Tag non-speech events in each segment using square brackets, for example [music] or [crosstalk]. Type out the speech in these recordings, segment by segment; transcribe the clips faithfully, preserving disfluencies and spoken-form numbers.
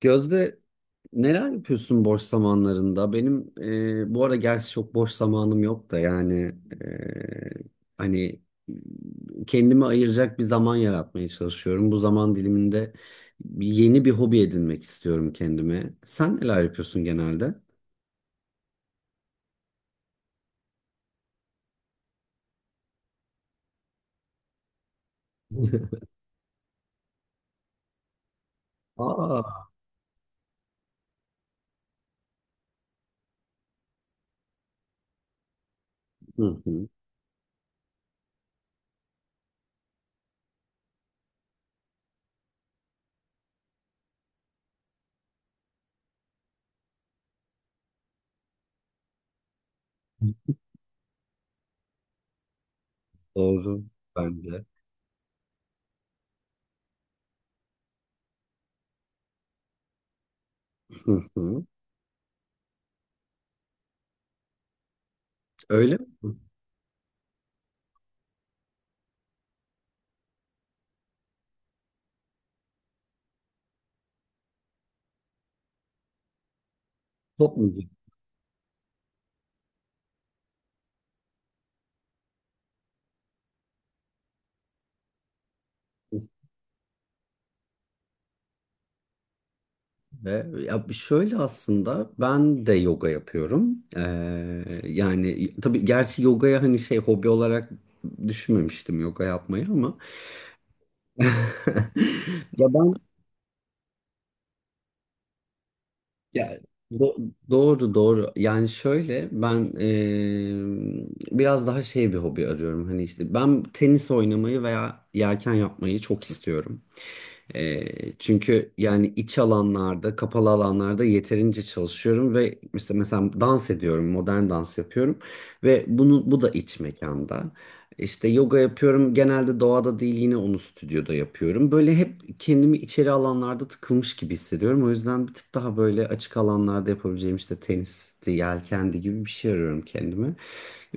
Gözde, neler yapıyorsun boş zamanlarında? Benim e, bu ara gerçi çok boş zamanım yok da yani. E, hani kendimi ayıracak bir zaman yaratmaya çalışıyorum. Bu zaman diliminde yeni bir hobi edinmek istiyorum kendime. Sen neler yapıyorsun genelde? [laughs] Aa, hı hı, doğru bence. Hı hı. Öyle mi? Pop müzik. Ve ya şöyle, aslında ben de yoga yapıyorum. Ee, yani tabii gerçi yogaya hani şey hobi olarak düşünmemiştim yoga yapmayı ama [laughs] ya ben ya do- doğru doğru yani şöyle ben ee, biraz daha şey bir hobi arıyorum. Hani işte ben tenis oynamayı veya yelken yapmayı çok istiyorum. E, Çünkü yani iç alanlarda, kapalı alanlarda yeterince çalışıyorum ve mesela, mesela dans ediyorum, modern dans yapıyorum ve bunu bu da iç mekanda. İşte yoga yapıyorum. Genelde doğada değil, yine onu stüdyoda yapıyorum. Böyle hep kendimi içeri alanlarda tıkılmış gibi hissediyorum. O yüzden bir tık daha böyle açık alanlarda yapabileceğim, işte tenisti, yelkendi gibi bir şey arıyorum kendime.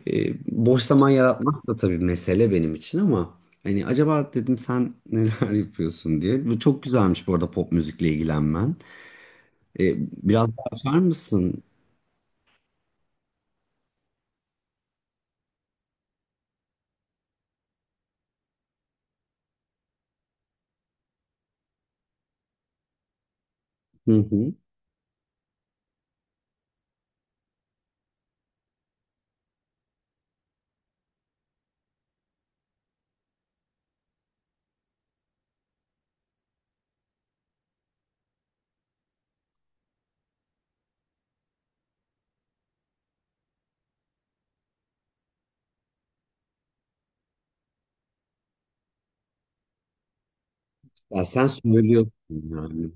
E, Boş zaman yaratmak da tabii mesele benim için, ama hani acaba dedim sen neler [laughs] yapıyorsun diye. Bu çok güzelmiş bu arada pop müzikle ilgilenmen. E, Biraz daha açar mısın? Hı hı. Ya sen söylüyorsun yani.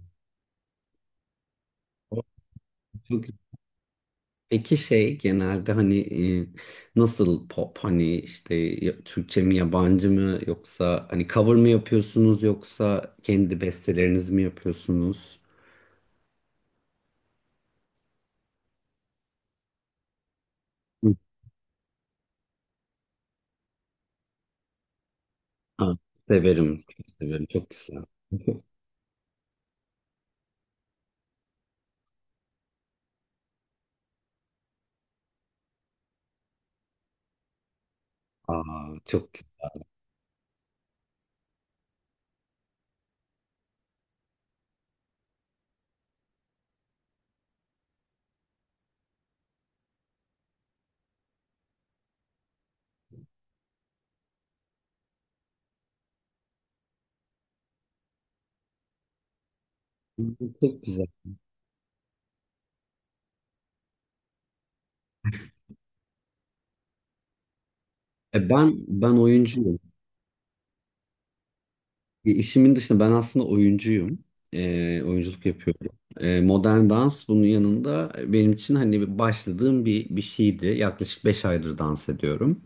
O çok- Peki şey genelde hani e, nasıl pop, hani işte ya- Türkçe mi, yabancı mı, yoksa hani cover mı yapıyorsunuz yoksa kendi bestelerinizi mi yapıyorsunuz? Hı. Ha, severim, çok severim, çok güzel. [laughs] Aa, çok güzel. Çok güzel. E ben ben oyuncuyum. E, İşimin dışında ben aslında oyuncuyum. E, oyunculuk yapıyorum. E, modern dans bunun yanında benim için hani bir başladığım bir, bir şeydi. Yaklaşık beş aydır dans ediyorum.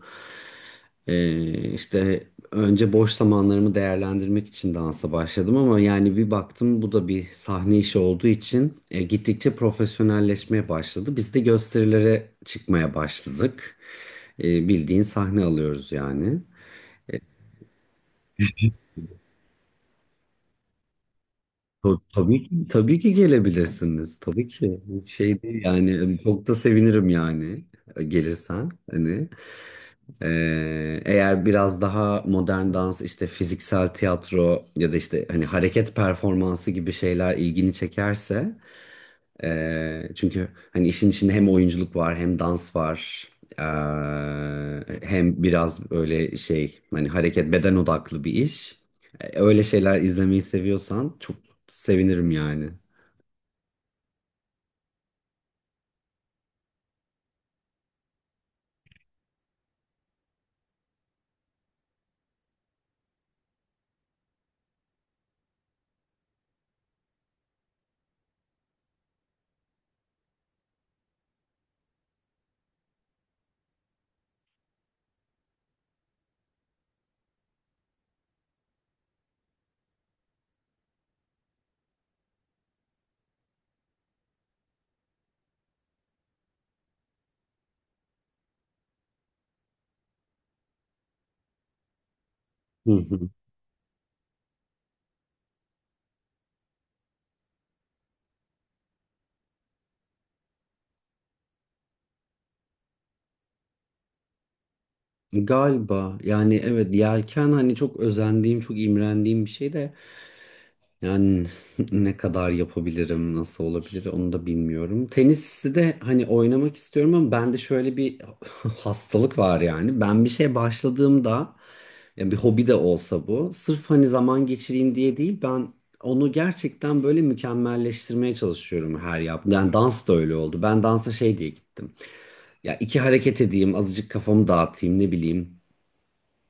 E, işte önce boş zamanlarımı değerlendirmek için dansa başladım, ama yani bir baktım bu da bir sahne işi olduğu için e, gittikçe profesyonelleşmeye başladı. Biz de gösterilere çıkmaya başladık. E, bildiğin sahne alıyoruz yani. Ta- Tabii ki, tabii ki gelebilirsiniz. Tabii ki. Hiç şey değil yani, hani çok da sevinirim yani e, gelirsen. Hani e, eğer biraz daha modern dans, işte fiziksel tiyatro ya da işte hani hareket performansı gibi şeyler ilgini çekerse. E, çünkü hani işin içinde hem oyunculuk var hem dans var. E, Hem biraz böyle şey hani hareket, beden odaklı bir iş. E, Öyle şeyler izlemeyi seviyorsan çok sevinirim yani. Hı hı. Galiba. Yani evet, yelken hani çok özendiğim, çok imrendiğim bir şey de, yani [laughs] ne kadar yapabilirim, nasıl olabilir onu da bilmiyorum. Tenisi de hani oynamak istiyorum, ama bende şöyle bir [laughs] hastalık var. Yani ben bir şeye başladığımda, yani bir hobi de olsa, bu sırf hani zaman geçireyim diye değil, ben onu gerçekten böyle mükemmelleştirmeye çalışıyorum her yaptığım. Yani dans da öyle oldu. Ben dansa şey diye gittim ya, iki hareket edeyim, azıcık kafamı dağıtayım, ne bileyim,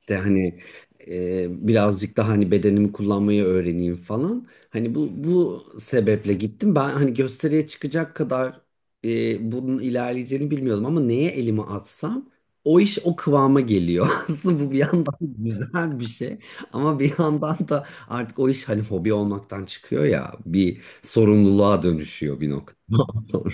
işte hani e, birazcık daha hani bedenimi kullanmayı öğreneyim falan. Hani bu bu sebeple gittim. Ben hani gösteriye çıkacak kadar e, bunun ilerleyeceğini bilmiyordum, ama neye elimi atsam o iş o kıvama geliyor. [laughs] Aslında bu bir yandan [laughs] güzel bir şey, ama bir yandan da artık o iş hani hobi olmaktan çıkıyor ya, bir sorumluluğa dönüşüyor bir noktadan sonra.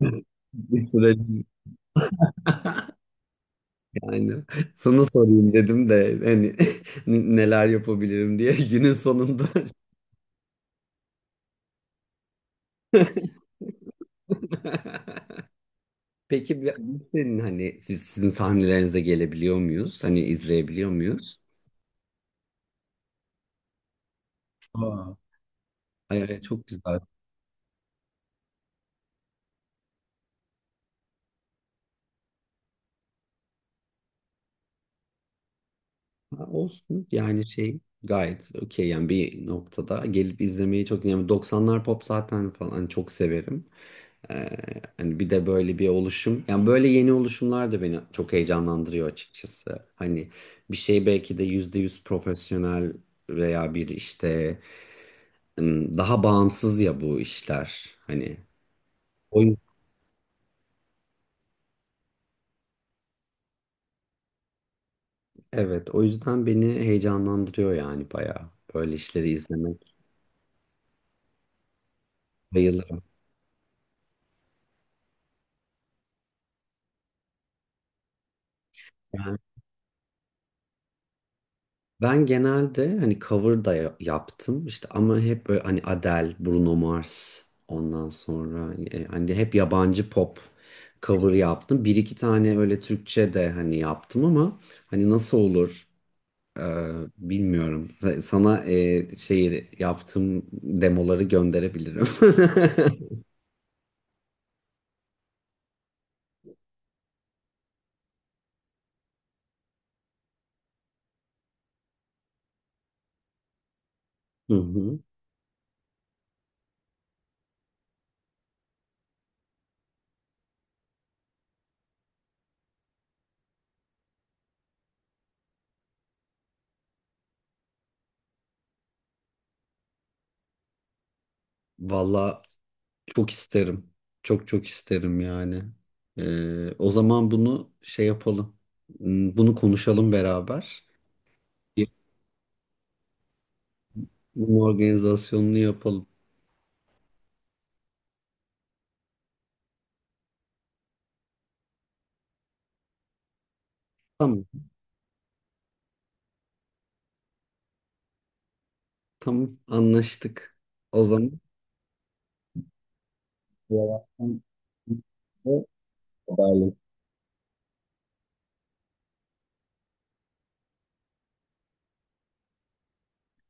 [laughs] Bir süreç. Aynen. Sana sorayım dedim de hani [laughs] n- neler yapabilirim diye günün sonunda. [laughs] Peki bir- biz senin hani siz, sizin sahnelerinize gelebiliyor muyuz? Hani izleyebiliyor muyuz? Aa, Ee, çok güzel. Ha, olsun yani, şey gayet okey yani. Bir noktada gelip izlemeyi çok, yani doksanlar pop zaten falan, hani çok severim. Ee, Hani bir de böyle bir oluşum. Yani böyle yeni oluşumlar da beni çok heyecanlandırıyor açıkçası. Hani bir şey belki de yüzde yüz profesyonel veya bir işte, ım, daha bağımsız ya bu işler. Hani o, yüz- evet, o yüzden beni heyecanlandırıyor yani bayağı. Böyle işleri izlemek bayılırım. Yani Ben genelde hani cover da ya- yaptım işte, ama hep böyle hani Adele, Bruno Mars, ondan sonra e, hani hep yabancı pop cover yaptım. Bir iki tane öyle Türkçe de hani yaptım, ama hani nasıl olur e, bilmiyorum. Sa- Sana e, şey yaptığım demoları gönderebilirim. [laughs] Hı hı. Valla çok isterim. Çok çok isterim yani. Ee, o zaman bunu şey yapalım. Hmm, bunu konuşalım beraber. Bir- Bunun organizasyonunu yapalım. Tamam. Tamam. Anlaştık. O zaman yavaştan haberleşelim.